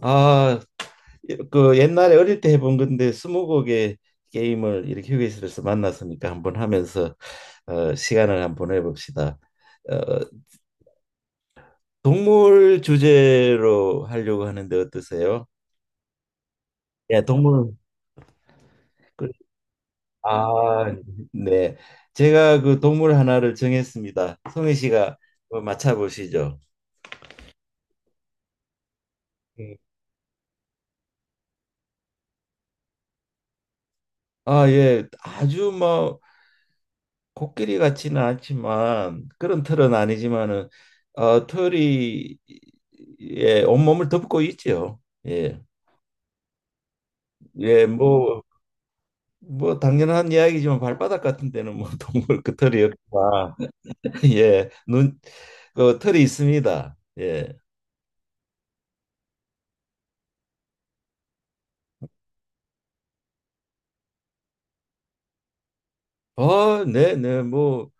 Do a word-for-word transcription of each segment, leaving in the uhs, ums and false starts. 아, 그 옛날에 어릴 때 해본 건데 스무고개 게임을 이렇게 휴게실에서 만났으니까 한번 하면서 어, 시간을 한번 보내봅시다. 어, 동물 주제로 하려고 하는데 어떠세요? 예, 동물. 그- 아, 네. 제가 그 동물 하나를 정했습니다. 송혜 씨가 한번 맞춰보시죠. 음. 아, 예. 아주 뭐 코끼리 같지는 않지만 그런 털은 아니지만은 어, 털이 예, 온몸을 덮고 있죠. 예. 예, 뭐, 뭐 당연한 이야기지만 발바닥 같은 데는 뭐 동물 그 털이 없다. 예. 눈, 그 털이 있습니다. 예. 어, 네, 네. 뭐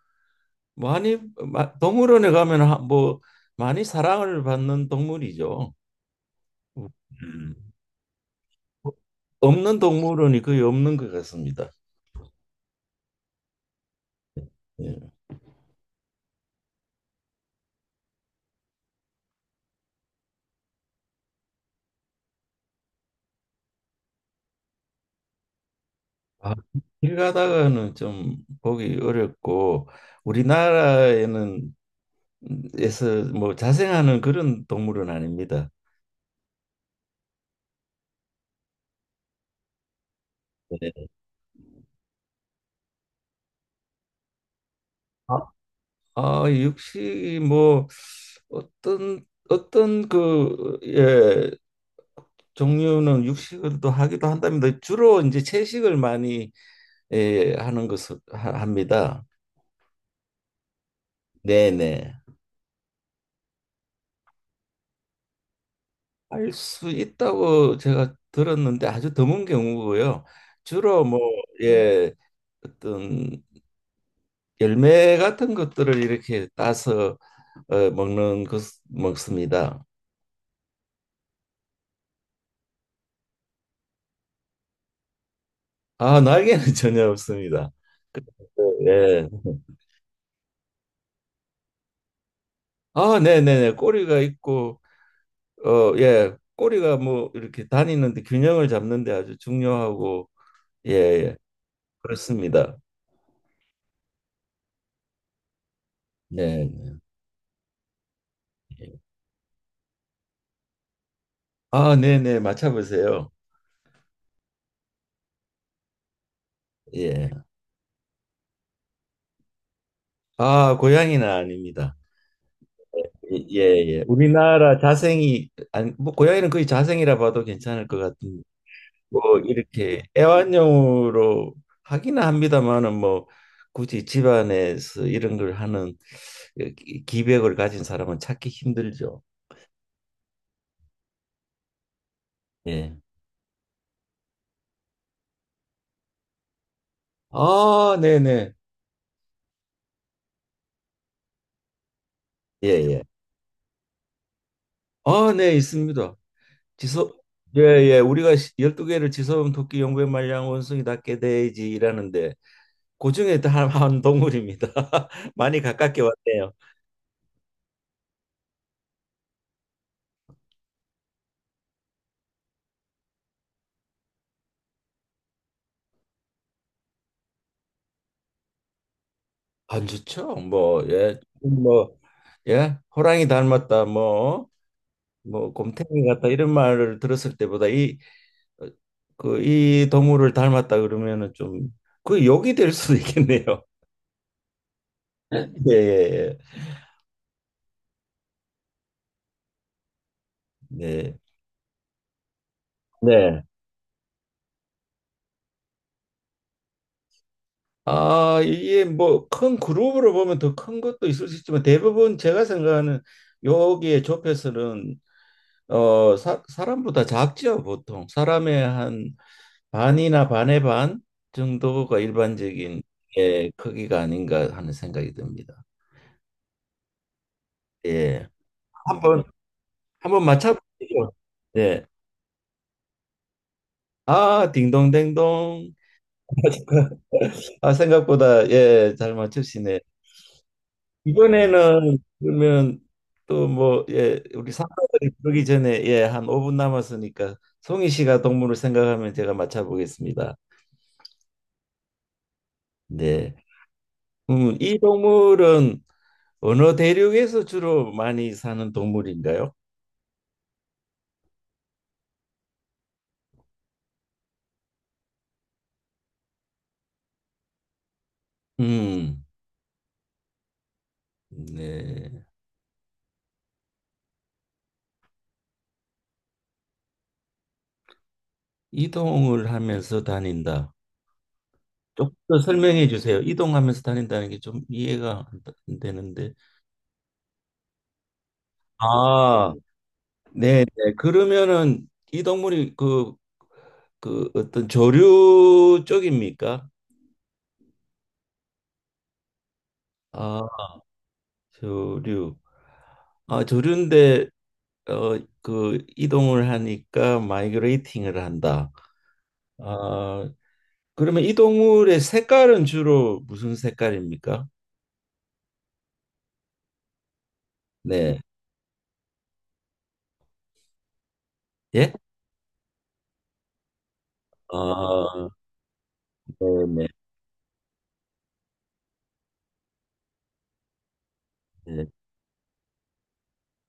많이 마, 동물원에 가면 하- 뭐 많이 사랑을 받는 동물이죠. 음. 없는 동물원이 거의 없는 것 같습니다. 예. 아, 길 가다가는 좀 보기 어렵고 우리나라에는 에서 뭐 자생하는 그런 동물은 아닙니다. 네. 아, 아, 육식이 뭐 어떤 어떤 그 예, 종류는 육식을도 하기도 한답니다. 주로 이제 채식을 많이 예, 하는 것을 하- 합니다. 네네. 할 수 있다고 제가 들었는데 아주 드문 경우고요. 주로 뭐, 예, 어떤 열매 같은 것들을 이렇게 따서 어, 먹는 것 먹습니다. 아, 날개는 전혀 없습니다. 그- 예. 아, 네네네. 꼬리가 있고, 어, 예. 꼬리가 뭐 이렇게 다니는데 균형을 잡는데 아주 중요하고, 예, 예. 그렇습니다. 네. 네. 네. 아, 네네. 맞춰보세요. 예. 아, 고양이는 아닙니다. 예, 예. 예. 우리나라 자생이 아니 뭐 고양이는 거의 자생이라 봐도 괜찮을 것 같은 뭐 이렇게 애완용으로 하기는 합니다만은 뭐 굳이 집안에서 이런 걸 하는 그 기- 기백을 가진 사람은 찾기 힘들죠. 예. 아, 네네. 예, 예. 아, 네, 있습니다. 지소 예, 예. 우리가 열두 개를 지소음 토끼 용배 말량 원숭이 닭개 돼지라는데 고중에 달한 동물입니다. 많이 가깝게 왔네요. 안 좋죠? 뭐, 예, 뭐, 예, 호랑이 닮았다, 뭐, 뭐, 곰탱이 같다 이런 말을 들었을 때보다 이, 어, 그, 이 동물을 닮았다 그러면은 좀 그 욕이 될 수도 있겠네요. 예, 예, 예. 네, 네. 아, 이게 뭐 큰 그룹으로 보면 더 큰 것도 있을 수 있지만 대부분 제가 생각하는 여기에 좁혀서는 어, 사, 사람보다 작죠, 보통. 사람의 한 반이나 반의 반 정도가 일반적인 예, 크기가 아닌가 하는 생각이 듭니다. 예. 한번 한번 맞춰보시죠. 예. 아, 딩동댕동. 아, 생각보다 예, 잘 맞추시네. 이번에는 그러면 또 뭐 예, 우리 상사들이 부르기 전에 예, 한 오 분 남았으니까 송희 씨가 동물을 생각하면 제가 맞춰보겠습니다. 네. 음, 이 동물은 어느 대륙에서 주로 많이 사는 동물인가요? 음, 네. 이동을 하면서 다닌다. 조금 더 설명해 주세요. 이동하면서 다닌다는 게 좀 이해가 안 되- 안 되는데. 아, 네, 네. 그러면은 이 동물이 그, 그 어떤 조류 쪽입니까? 아, 조류. 아, 조류인데 어, 그 이동을 하니까 마이그레이팅을 한다. 아, 그러면 이 동물의 색깔은 주로 무슨 색깔입니까? 네. 예? 아, 네네. 네.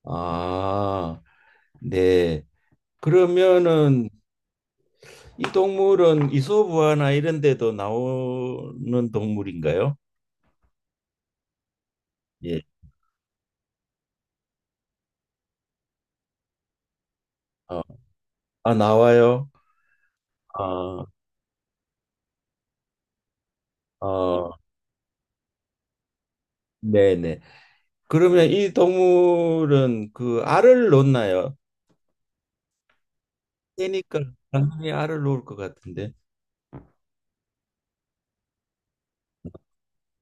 아, 네. 그러면은 이 동물은 이솝우화나 이런 데도 나오는 동물인가요? 예. 어, 아, 나와요? 아, 어, 네네. 그러면 이 동물은 그 알을 놓나요? 새니까 당연히 알을 놓을 것 같은데.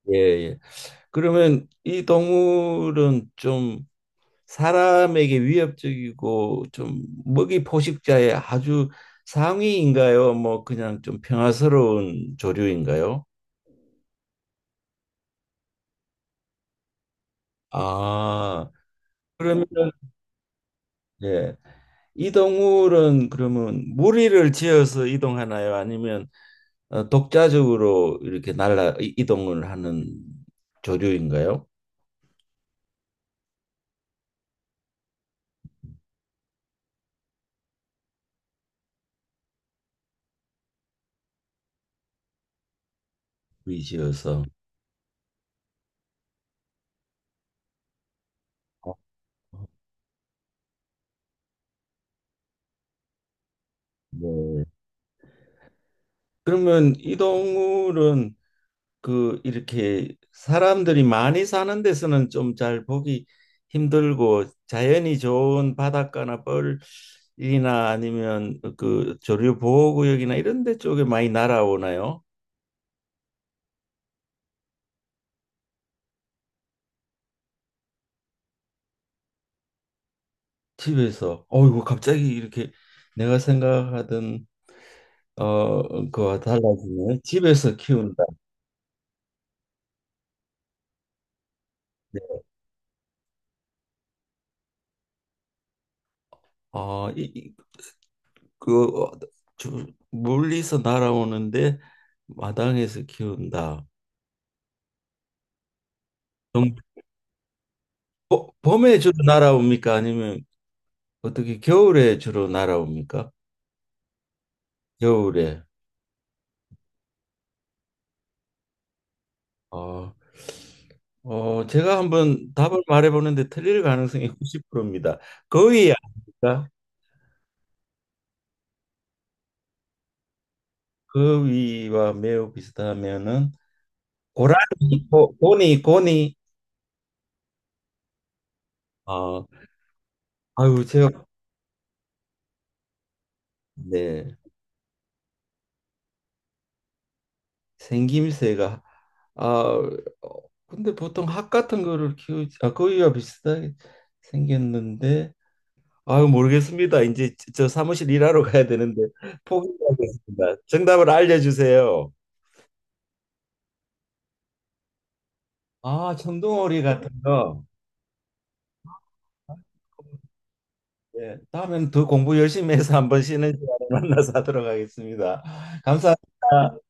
예, 예. 그러면 이 동물은 좀 사람에게 위협적이고 좀 먹이 포식자의 아주 상위인가요? 뭐 그냥 좀 평화스러운 조류인가요? 아, 그러면 예. 이 동물은 그러면 무리를 지어서 이동하나요? 아니면 어, 독자적으로 이렇게 날라 이- 이동을 하는 조류인가요? 무리 지어서. 어, 네. 그러면 이 동물은 그 이렇게 사람들이 많이 사는 데서는 좀 잘 보기 힘들고 자연이 좋은 바닷가나 뻘이나 아니면 그 조류 보호구역이나 이런 데 쪽에 많이 날아오나요? 집에서 어이구 갑자기 이렇게 내가 생각하던 어 그와 달라지네. 집에서 키운다. 네. 아, 이, 이- 그 어, 주- 멀리서 날아오는데 마당에서 키운다. 보- 봄에 주로 날아옵니까? 아니면 어떻게 겨울에 주로 날아옵니까? 겨울에. 어, 어, 제가 한번 답을 말해보는데 틀릴 가능성이 구십 퍼센트입니다. 거위 아닙니까? 거위와 매우 비슷하면은 고라니, 고, 고니, 고니. 아, 아유, 제가 네 생김새가 아 어, 근데 보통 학 같은 거를 키우지 아 거위와 비슷하게 생겼는데 아유, 모르겠습니다. 이제 저 사무실 일하러 가야 되는데 포기하겠습니다. 정답을 알려주세요. 아, 천둥오리 같은 거. 예, 다음에는 더 공부 열심히 해서 한번 쉬는 시간에 만나서 하도록 하겠습니다. 감사합니다.